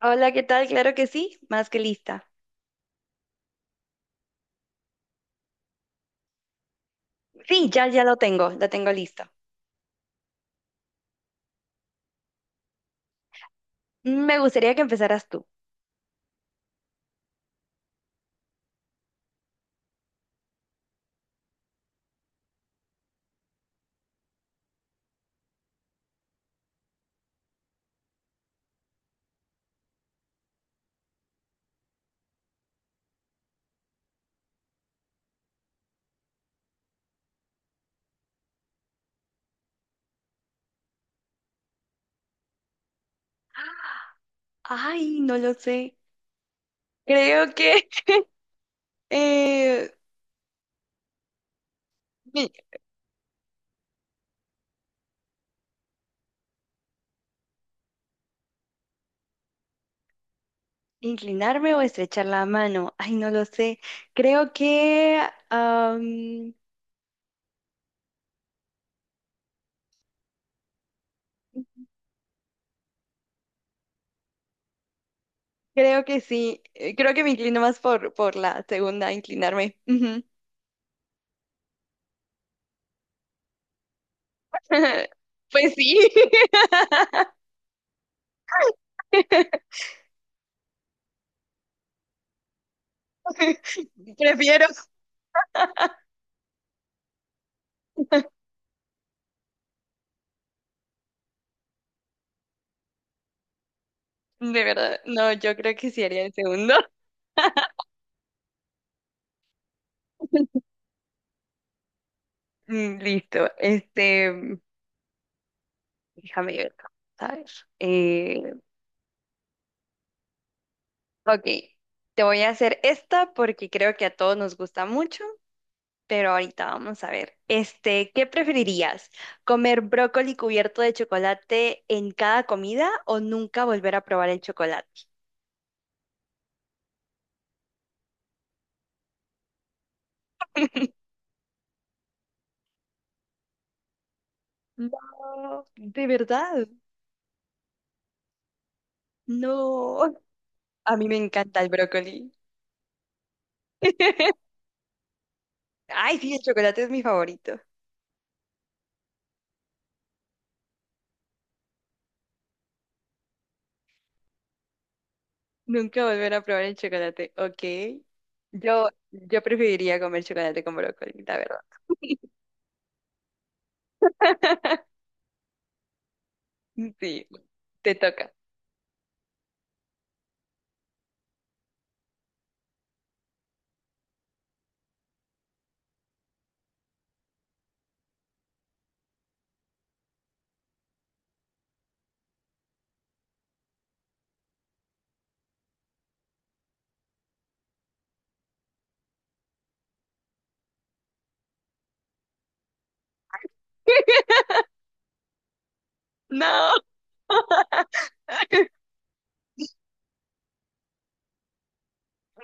Hola, ¿qué tal? Claro que sí, más que lista. Sí, ya, ya lo tengo listo. Me gustaría que empezaras tú. Ay, no lo sé. Creo que eh, mi- inclinarme o estrechar la mano. Ay, no lo sé. Creo que am, creo que sí. Creo que me inclino más por la segunda, inclinarme. Ujú. Pues sí. Prefiero. De verdad, no, yo creo que sí haría el segundo. Mm. Listo. Este, déjame ver, ¿sabes? Ok, te voy a hacer esta porque creo que a todos nos gusta mucho, pero ahorita vamos a ver. Este, ¿qué preferirías? ¿Comer brócoli cubierto de chocolate en cada comida o nunca volver a probar el chocolate? No, de verdad, no. A mí me encanta el brócoli. Ay, sí, el chocolate es mi favorito. Nunca volver a probar el chocolate, ok. Yo preferiría comer chocolate con brócoli, la verdad. Sí, te toca. No.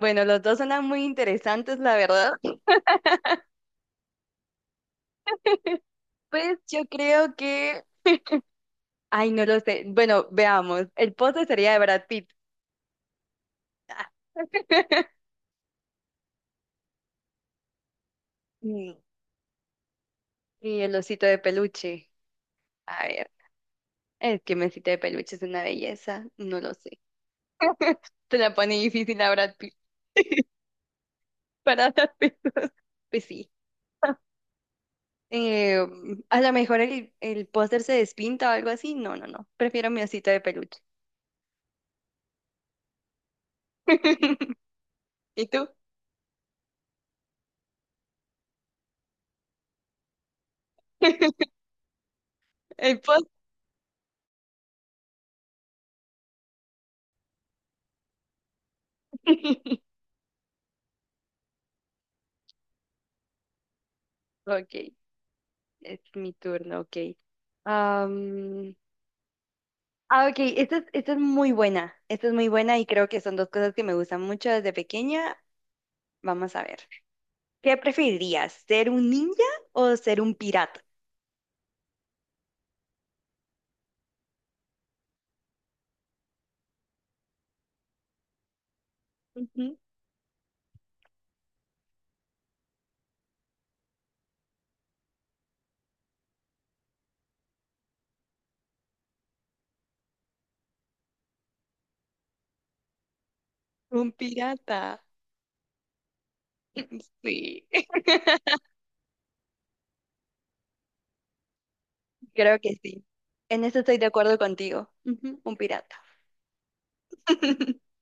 Bueno, los dos son muy interesantes, la verdad. Pues yo creo que, ay, no lo sé. Bueno, veamos. El postre sería de Brad Pitt. Ah. Mm, Y el osito de peluche. A ver, es que mi osito de peluche es una belleza. No lo sé. Se la pone difícil a Brad Pitt. Para las personas. Pues sí. Eh, a lo mejor el póster se despinta o algo así. No, no, no. Prefiero mi osito de peluche. ¿Y tú? El póster. Ok, es mi turno, ok. Am, ok, esta es muy buena. Esta es muy buena y creo que son dos cosas que me gustan mucho desde pequeña. Vamos a ver. ¿Qué preferirías? ¿Ser un ninja o ser un pirata? Ujú. Un pirata. Sí. Creo que sí. En eso estoy de acuerdo contigo. Ujú. Un pirata.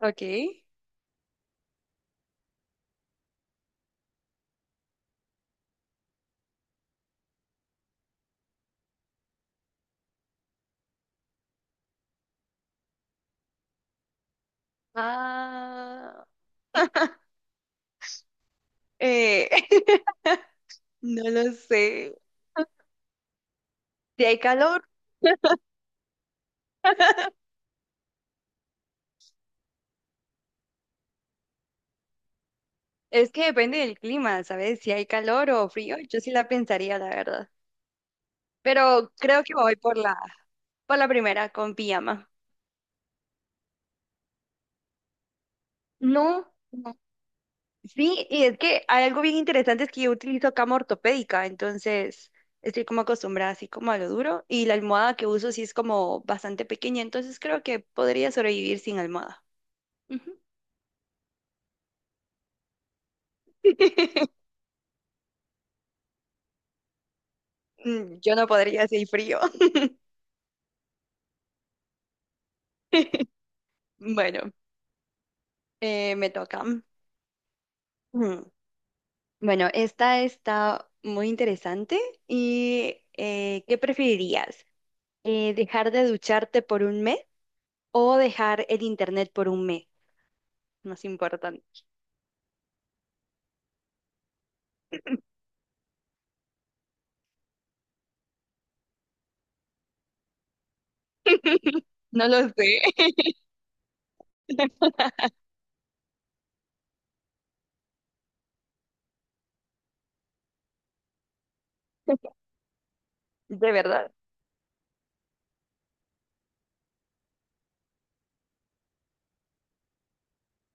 Ok. Ah. eh, No lo sé. Si hay calor. Es que depende del clima, ¿sabes? Si hay calor o frío, yo sí la pensaría, la verdad. Pero creo que voy por la primera, con pijama. No, no, sí, y es que hay algo bien interesante, es que yo utilizo cama ortopédica, entonces estoy como acostumbrada así como a lo duro y la almohada que uso sí es como bastante pequeña, entonces creo que podría sobrevivir sin almohada. Ujú. Yo no podría si hay frío. Bueno, me toca. Mm. Bueno, esta está muy interesante y ¿qué preferirías? ¿Dejar de ducharte por un mes o dejar el internet por un mes? Más importante. No lo sé, de verdad,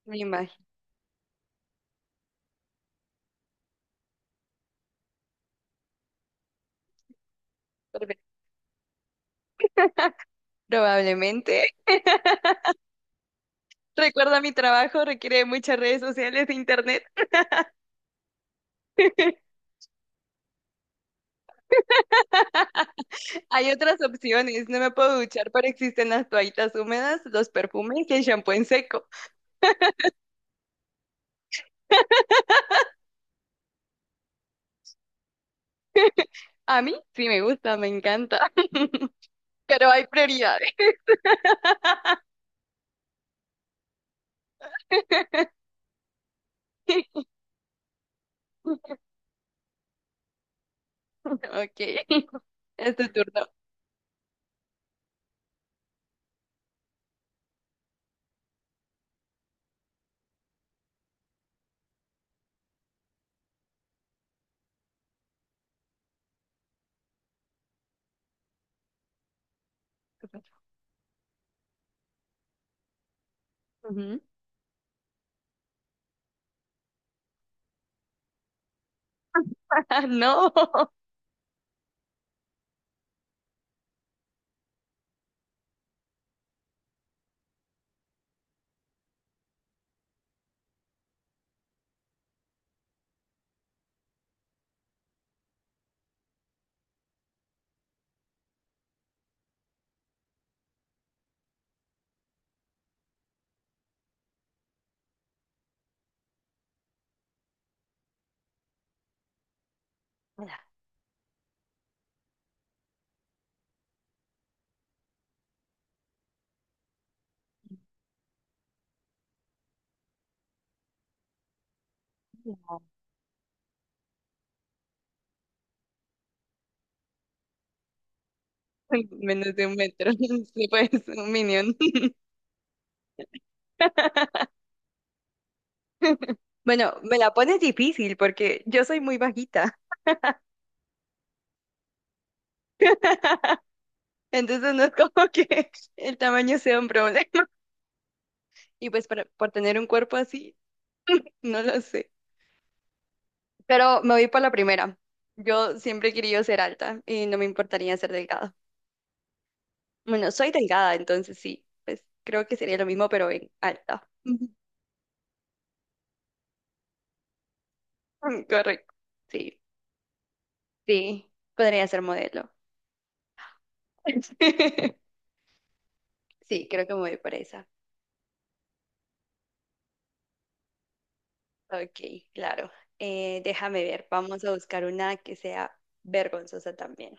me imagino. prob- Probablemente. Recuerda, mi trabajo requiere de muchas redes sociales e internet. Hay otras opciones. No me puedo duchar, pero existen las toallitas húmedas, los perfumes y el shampoo en seco. A mí sí me gusta, me encanta, pero hay prioridades. Ok, es tu turno. Ujú. No, menos de un metro. Sí, pues, un minion. Bueno, me la pones difícil porque yo soy muy bajita, entonces no es como que el tamaño sea un problema. Y pues por tener un cuerpo así, no lo sé. Pero me voy por la primera. Yo siempre he querido ser alta y no me importaría ser delgada. Bueno, soy delgada, entonces sí, pues creo que sería lo mismo, pero en alta. Ujú. Mm. Correcto. Sí, sí, podría ser modelo. Sí, creo que me voy por esa. Ok, claro. Déjame ver, vamos a buscar una que sea vergonzosa también.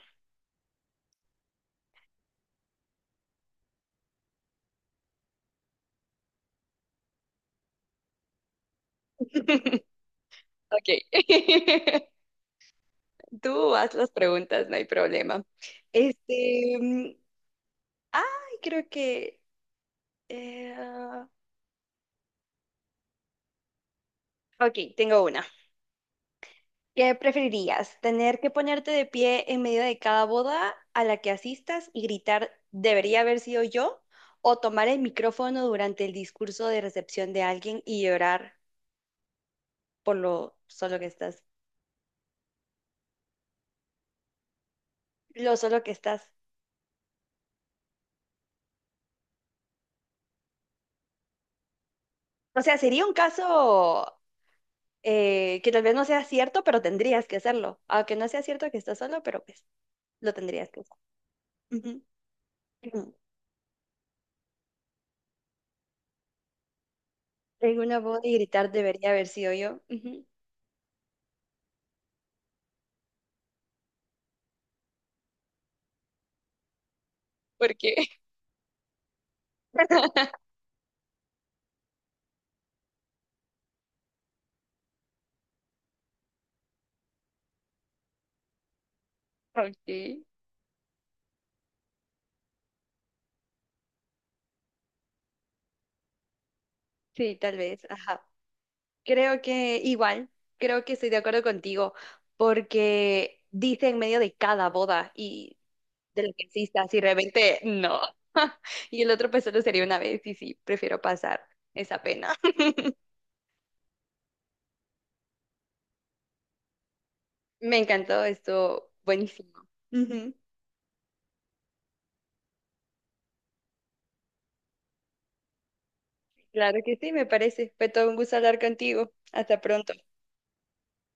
Ok. Tú haz las preguntas, no hay problema. Este, ay, creo que. eh, ok, tengo una. ¿Qué preferirías? ¿Tener que ponerte de pie en medio de cada boda a la que asistas y gritar, debería haber sido yo? ¿O tomar el micrófono durante el discurso de recepción de alguien y llorar por lo solo que estás? Lo solo que estás. O sea, sería un caso que tal vez no sea cierto, pero tendrías que hacerlo. Aunque no sea cierto que estás solo, pero pues lo tendrías que hacer. Ujú. Ujú. En una voz y gritar debería haber sido yo. Ujú. ¿Por qué? Ok, sí, tal vez, ajá. Creo que igual, creo que estoy de acuerdo contigo, porque dice en medio de cada boda y de lo que existas y realmente no. Y el otro pues solo sería una vez y sí, prefiero pasar esa pena. Me encantó, esto buenísimo. Ujú. Claro que sí, me parece. Fue todo un gusto hablar contigo. Hasta pronto.